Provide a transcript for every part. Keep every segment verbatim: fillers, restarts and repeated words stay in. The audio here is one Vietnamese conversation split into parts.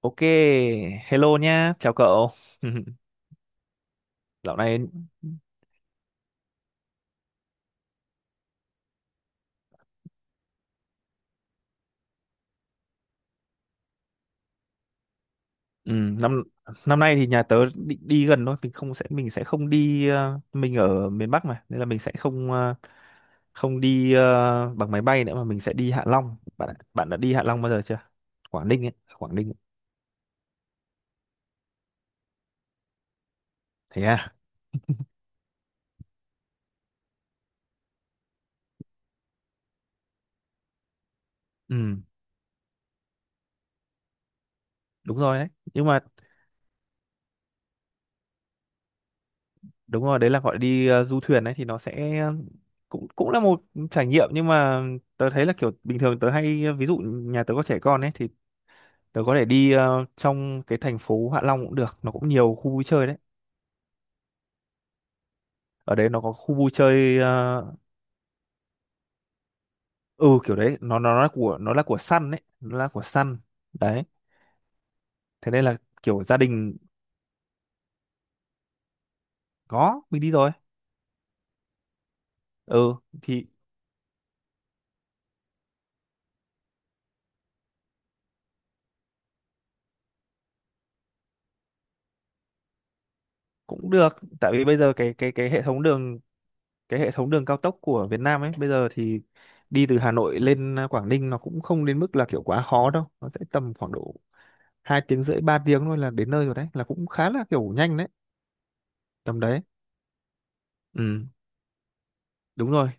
Ok, hello nhá, chào cậu. Dạo này ừ, năm năm nay thì nhà tớ định đi gần thôi, mình không sẽ mình sẽ không đi ờ, mình ở miền Bắc mà, nên là mình sẽ không ờ, không đi ờ, bằng máy bay nữa mà mình sẽ đi Hạ Long. Bạn đã- bạn đã đi Hạ Long bao giờ chưa? Quảng Ninh ấy, Quảng Ninh ấy. Thế à? Ừ, đúng rồi đấy. Nhưng mà đúng rồi, đấy là gọi đi ờ, du thuyền đấy thì nó sẽ ờ, cũng cũng là một trải nghiệm nhưng mà tớ thấy là kiểu bình thường tớ hay ví dụ nhà tớ có trẻ con ấy thì tớ có thể đi ờ, trong cái thành phố Hạ Long cũng được, nó cũng nhiều khu vui chơi đấy. Ở đấy nó có khu vui chơi ờ, ừ kiểu đấy, nó nó là của nó là của Sun đấy, nó là của Sun. Đấy. Thế nên là kiểu gia đình có mình đi rồi. Ừ thì cũng được, tại vì bây giờ cái cái cái hệ thống đường, cái hệ thống đường cao tốc của Việt Nam ấy, bây giờ thì đi từ Hà Nội lên Quảng Ninh nó cũng không đến mức là kiểu quá khó đâu, nó sẽ tầm khoảng độ hai tiếng rưỡi ba tiếng thôi là đến nơi rồi đấy, là cũng khá là kiểu nhanh đấy, tầm đấy. Ừ đúng rồi,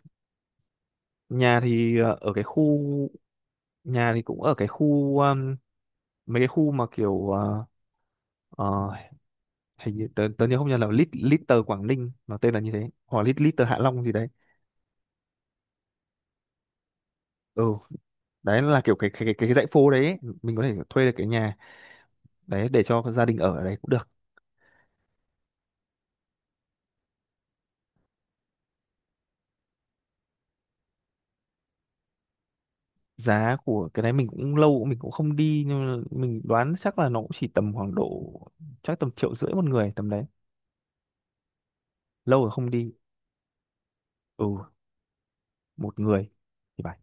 nhà thì ờ, ở cái khu, nhà thì cũng ở cái khu um, mấy cái khu mà kiểu ờ, ờ, hình như tớ, tớ nhớ không nhớ là Lit Little Quảng Ninh nó tên là như thế hoặc Lit Little Hạ Long gì đấy. Ừ đấy là kiểu cái cái cái, cái dãy phố đấy ấy. Mình có thể thuê được cái nhà đấy để cho gia đình ở ở đấy cũng được. Giá của cái đấy mình cũng lâu mình cũng không đi nhưng mà mình đoán chắc là nó cũng chỉ tầm khoảng độ chắc tầm triệu rưỡi một người, tầm đấy, lâu rồi không đi. Ừ, một người thì phải.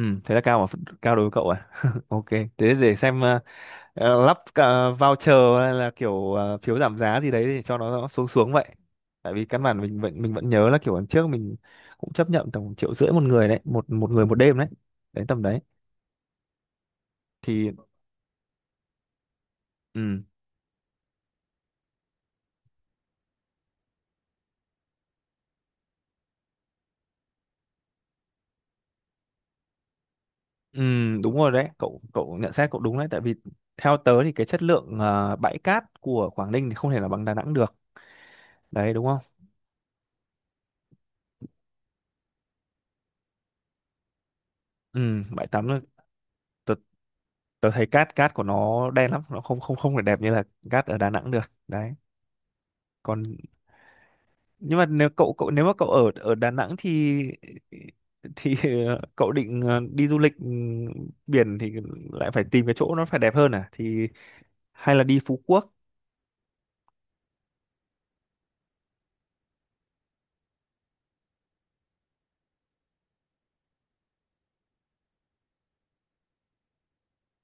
Ừ, thế là cao mà. Cao đối với cậu à? Ok, thế để xem ờ, ờ, lắp ờ, voucher hay là kiểu ờ, phiếu giảm giá gì đấy để cho nó, nó xuống xuống vậy. Tại vì căn bản mình vẫn mình vẫn nhớ là kiểu lần trước mình cũng chấp nhận tầm triệu rưỡi một người đấy, một một người một đêm đấy. Đấy tầm đấy. Thì ừ, ừ đúng rồi đấy, cậu cậu nhận xét cậu đúng đấy, tại vì theo tớ thì cái chất lượng ờ, bãi cát của Quảng Ninh thì không thể là bằng Đà Nẵng được. Đấy đúng không? Ừ, bãi tắm tớ thấy cát cát của nó đen lắm, nó không không không phải đẹp như là cát ở Đà Nẵng được, đấy. Còn nhưng mà nếu cậu cậu nếu mà cậu ở ở Đà Nẵng thì thì cậu định ờ, đi du lịch ừ, biển thì lại phải tìm cái chỗ nó phải đẹp hơn à, thì hay là đi Phú Quốc.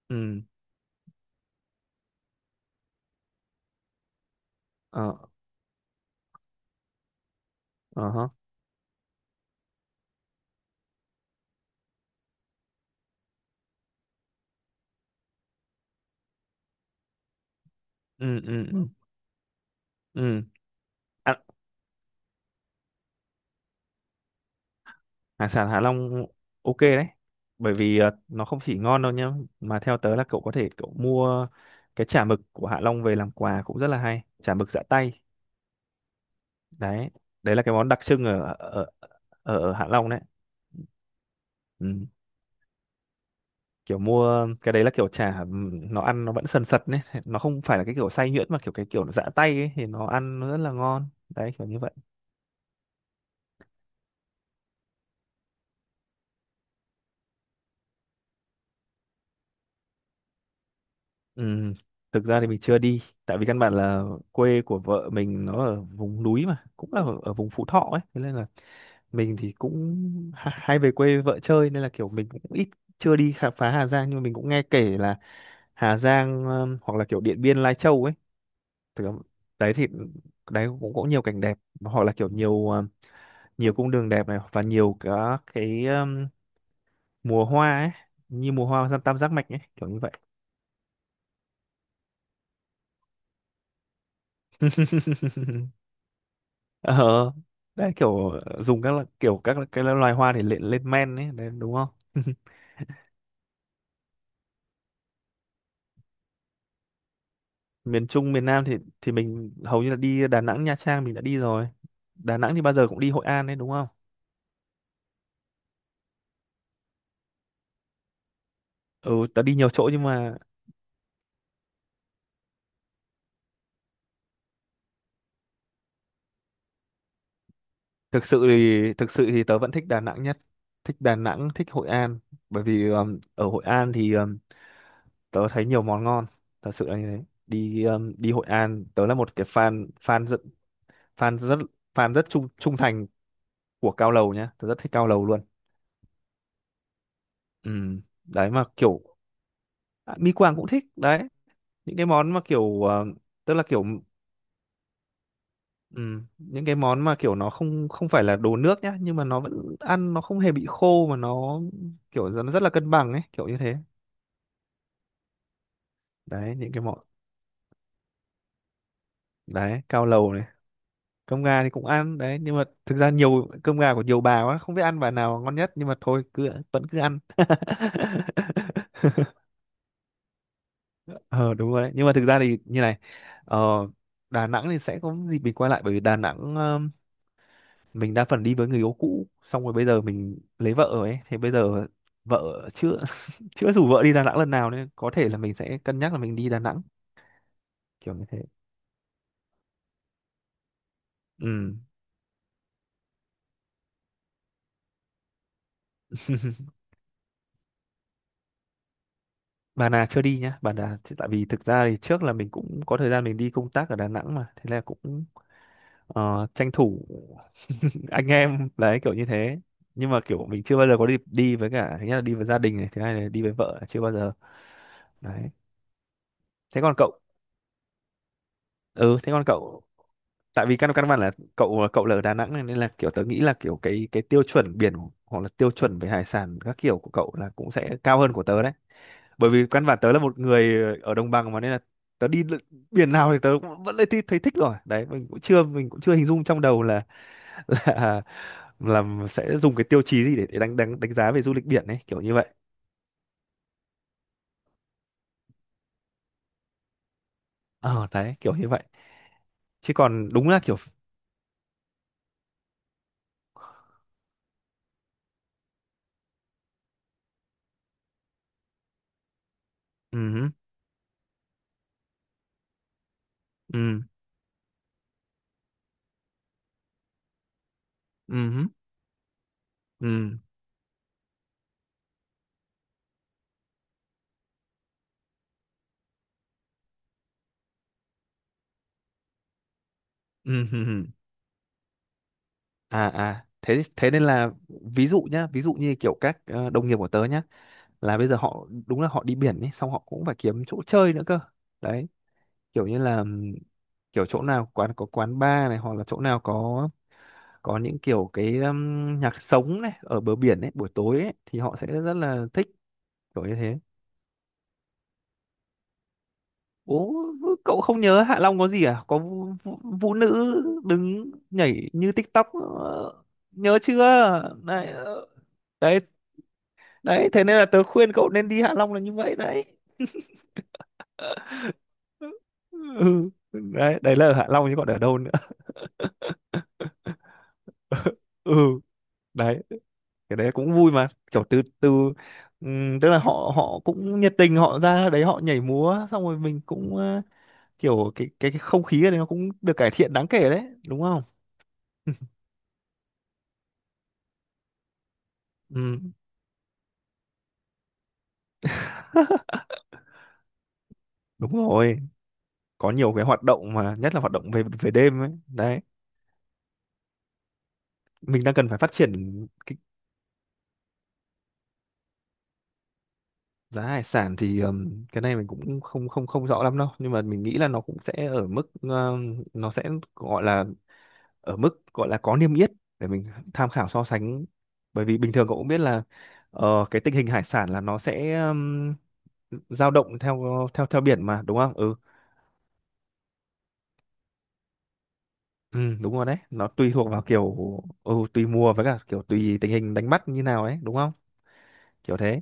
Ừ. Ờ, ờ hả. ừ ừ ừ ừ. À, hải sản Hạ Long ok đấy, bởi vì ờ, nó không chỉ ngon đâu nhá mà theo tớ là cậu có thể cậu mua cái chả mực của Hạ Long về làm quà cũng rất là hay, chả mực giã tay. Đấy, đấy là cái món đặc trưng ở ở ở, ở Hạ Long đấy. Ừ. Kiểu mua cái đấy là kiểu chả, ừ, nó ăn nó vẫn sần sật đấy. Nó không phải là cái kiểu xay nhuyễn mà kiểu cái kiểu nó giã tay ấy thì nó ăn nó rất là ngon đấy, kiểu như vậy. Ừ. Thực ra thì mình chưa đi, tại vì căn bản là quê của vợ mình nó ở vùng núi mà, cũng là ở, ở vùng Phú Thọ ấy, thế nên là mình thì cũng ha- hay về quê với vợ chơi nên là kiểu mình cũng ít, chưa đi khám phá Hà Giang nhưng mà mình cũng nghe kể là Hà Giang ừm, hoặc là kiểu Điện Biên Lai Châu ấy, thực ra đấy thì đấy cũng có nhiều cảnh đẹp hoặc là kiểu nhiều ờ, nhiều cung đường đẹp này và nhiều cả cái ờm, mùa hoa ấy, như mùa hoa tam tam giác mạch ấy, kiểu như vậy. Ờ đấy kiểu dùng các loại- kiểu các cái loài hoa để lên lên men ấy đấy đúng không. Miền Trung miền Nam thì thì mình hầu như là đi Đà Nẵng Nha Trang mình đã đi rồi. Đà Nẵng thì bao giờ cũng đi Hội An đấy đúng không. Ừ tớ đi nhiều chỗ nhưng mà thực sự thì thực sự thì tớ vẫn thích Đà Nẵng nhất, thích Đà Nẵng thích Hội An, bởi vì um, ở Hội An thì um, tớ thấy nhiều món ngon thật sự là như thế, đi um, đi Hội An tớ là một cái fan fan rất fan rất fan rất trung trung thành của cao lầu nhá, tớ rất thích cao lầu luôn. Ừ. Đấy mà kiểu à, mi Quảng cũng thích đấy. Những cái món mà kiểu uh, tức là kiểu ừ, những cái món mà kiểu nó không không phải là đồ nước nhá nhưng mà nó vẫn ăn nó không hề bị khô mà nó kiểu nó rất là cân bằng ấy, kiểu như thế. Đấy những cái món đấy, cao lầu này. Cơm gà thì cũng ăn đấy nhưng mà thực ra nhiều cơm gà của nhiều bà quá không biết ăn bà nào ngon nhất nhưng mà thôi cứ vẫn cứ ăn. Ờ đúng rồi đấy nhưng mà thực ra thì như này, ờ, Đà Nẵng thì sẽ có dịp mình quay lại bởi vì Đà Nẵng ờm, mình đa phần đi với người yêu cũ xong rồi bây giờ mình lấy vợ rồi ấy thì bây giờ vợ chưa chưa rủ vợ đi Đà Nẵng lần nào nên có thể là mình sẽ cân nhắc là mình đi Đà Nẵng, kiểu như thế. Ừ. Bà Nà chưa đi nhá, Bà Nà thì tại vì thực ra thì trước là mình cũng có thời gian mình đi công tác ở Đà Nẵng mà, thế là cũng ờ, tranh thủ anh em đấy, kiểu như thế. Nhưng mà kiểu mình chưa bao giờ có dịp đi, với cả thứ nhất là đi với gia đình này, thứ hai là đi với vợ chưa bao giờ. Đấy. Thế còn cậu, ừ thế còn cậu, tại vì căn căn bản là cậu cậu là ở Đà Nẵng này nên là kiểu tớ nghĩ là kiểu cái cái tiêu chuẩn biển hoặc là tiêu chuẩn về hải sản các kiểu của cậu là cũng sẽ cao hơn của tớ đấy. Bởi vì căn bản tớ là một người ở đồng bằng mà nên là tớ đi lự- biển nào thì tớ cũng vẫn thấy, thấy thích rồi đấy, mình cũng chưa mình cũng chưa hình dung trong đầu là là là sẽ dùng cái tiêu chí gì để, để đánh đánh đánh giá về du lịch biển ấy, kiểu như vậy. Ờ đấy kiểu như vậy chứ còn đúng là kiểu ừ. ừ ừ ừ ừ à à thế thế nên là ví dụ nhá, ví dụ như kiểu các ờ, đồng nghiệp của tớ nhá, là bây giờ họ đúng là họ đi biển ấy xong họ cũng phải kiếm chỗ chơi nữa cơ, đấy, kiểu như là ừm, kiểu chỗ nào quán có quán bar này hoặc là chỗ nào có có những kiểu cái um, nhạc sống này ở bờ biển ấy buổi tối ấy thì họ sẽ rất là thích, kiểu như thế. Ố cậu không nhớ Hạ Long có gì à? Có vũ, vũ, vũ nữ đứng nhảy như TikTok, ờ, nhớ chưa? Đấy, ờ, đấy đấy thế nên là tớ khuyên cậu nên đi Hạ Long là như vậy đấy. Ừ, ừ, đấy đấy là ở Hạ Long chứ còn ở đâu nữa. Ừ, đấy cái đấy cũng vui mà kiểu từ từ. Ừm, tức là họ họ cũng nhiệt tình, họ ra đấy họ nhảy múa xong rồi mình cũng ờ, kiểu cái cái cái không khí ở đấy nó cũng được cải thiện đáng kể đấy, đúng không? Ừ, đúng rồi, có nhiều cái hoạt động mà nhất là hoạt động về về đêm ấy đấy, mình đang cần phải phát triển cái. Giá hải sản thì ừm, cái này mình cũng không không không rõ lắm đâu, nhưng mà mình nghĩ là nó cũng sẽ ở mức ừm, nó sẽ gọi là ở mức gọi là có niêm yết để mình tham khảo so sánh. Bởi vì bình thường cậu cũng biết là ờ, cái tình hình hải sản là nó sẽ um, dao động theo theo theo biển mà, đúng không? Ừ. Ừ đúng rồi đấy, nó tùy thuộc vào kiểu. Ừ, tùy mùa với cả kiểu tùy tình hình đánh bắt như nào ấy, đúng không? Kiểu thế.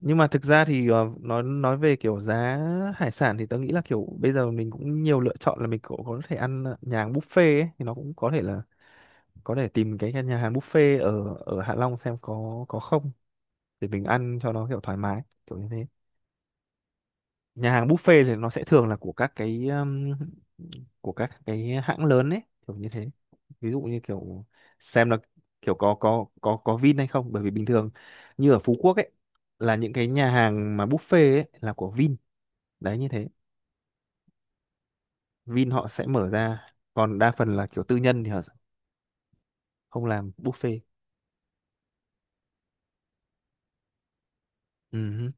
Nhưng mà thực ra thì ờ, nói nói về kiểu giá hải sản thì tớ nghĩ là kiểu bây giờ mình cũng nhiều lựa chọn, là mình cũng có thể ăn nhà hàng buffet ấy, thì nó cũng có thể là có thể tìm cái nhà hàng buffet ở ở Hạ Long xem có có không để mình ăn cho nó kiểu thoải mái kiểu như thế. Nhà hàng buffet thì nó sẽ thường là của các cái um, của các cái hãng lớn ấy, kiểu như thế. Ví dụ như kiểu xem là kiểu có có có có Vin hay không, bởi vì bình thường như ở Phú Quốc ấy, là những cái nhà hàng mà buffet ấy là của Vin. Đấy như thế, Vin họ sẽ mở ra, còn đa phần là kiểu tư nhân thì họ không làm buffet. Ừ.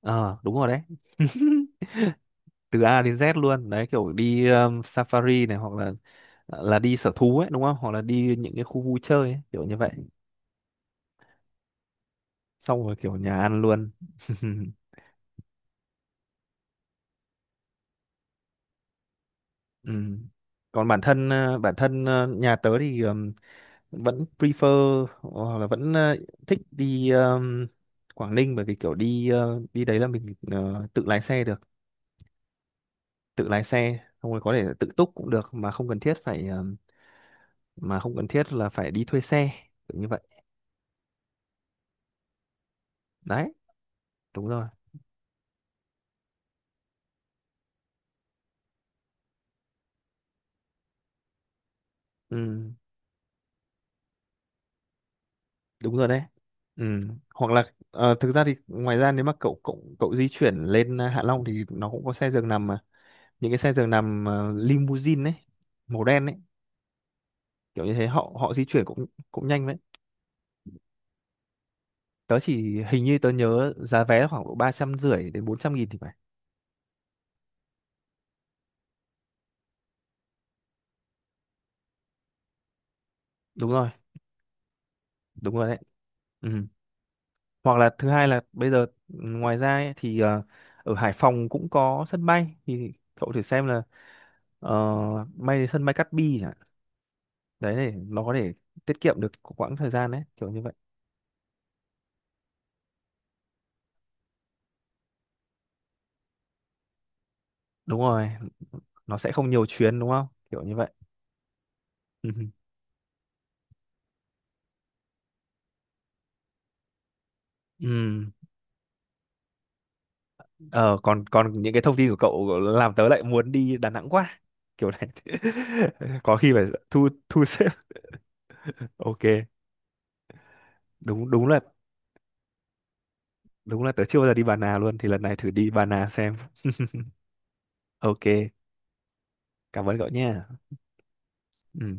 Ờ đúng rồi đấy. Từ A đến dét luôn đấy, kiểu đi um, safari này, hoặc là ờ, là đi sở thú ấy, đúng không? Hoặc là đi những cái khu vui chơi ấy, kiểu như vậy, xong rồi kiểu nhà ăn luôn. Ừ. Còn bản thân ờ, bản thân ờ, nhà tớ thì ừm, vẫn prefer, hoặc là vẫn ờ, thích đi ừm, Quảng Ninh, bởi vì kiểu đi ờ, đi đấy là mình ờ, tự lái xe được, tự lái xe xong rồi có thể là tự túc cũng được mà không cần thiết phải ừm, mà không cần thiết là phải đi thuê xe, kiểu như vậy. Đấy đúng rồi. Ừ đúng rồi đấy. Ừ. Hoặc là ờ, thực ra thì ngoài ra nếu mà cậu cậu cậu di chuyển lên à, Hạ Long thì nó cũng có xe giường nằm mà, những cái xe giường nằm à, limousine ấy, màu đen ấy, kiểu như thế họ họ di chuyển cũng cũng nhanh đấy. Tớ chỉ hình như tớ nhớ giá vé là khoảng độ ba trăm rưỡi đến bốn trăm nghìn thì phải. Đúng rồi. Đúng rồi đấy. Ừ. Hoặc là thứ hai là bây giờ ừ, ngoài ra ấy, thì ờ, ở Hải Phòng cũng có sân bay, thì cậu thử xem là ờ, bay đến sân bay Cát Bi chẳng. Đấy để nó có thể tiết kiệm được quãng thời gian đấy, kiểu như vậy. Đúng rồi, nó sẽ không nhiều chuyến, đúng không, kiểu như vậy. Ừ. Ừ. Ờ, còn còn những cái thông tin của cậu làm tớ lại muốn đi Đà Nẵng quá kiểu này. Có khi phải thu thu xếp. Ok. Đúng đúng là đúng là tớ chưa bao giờ đi Bà Nà luôn, thì lần này thử đi Bà Nà xem. Ok, cảm ơn cậu nha. Ừ.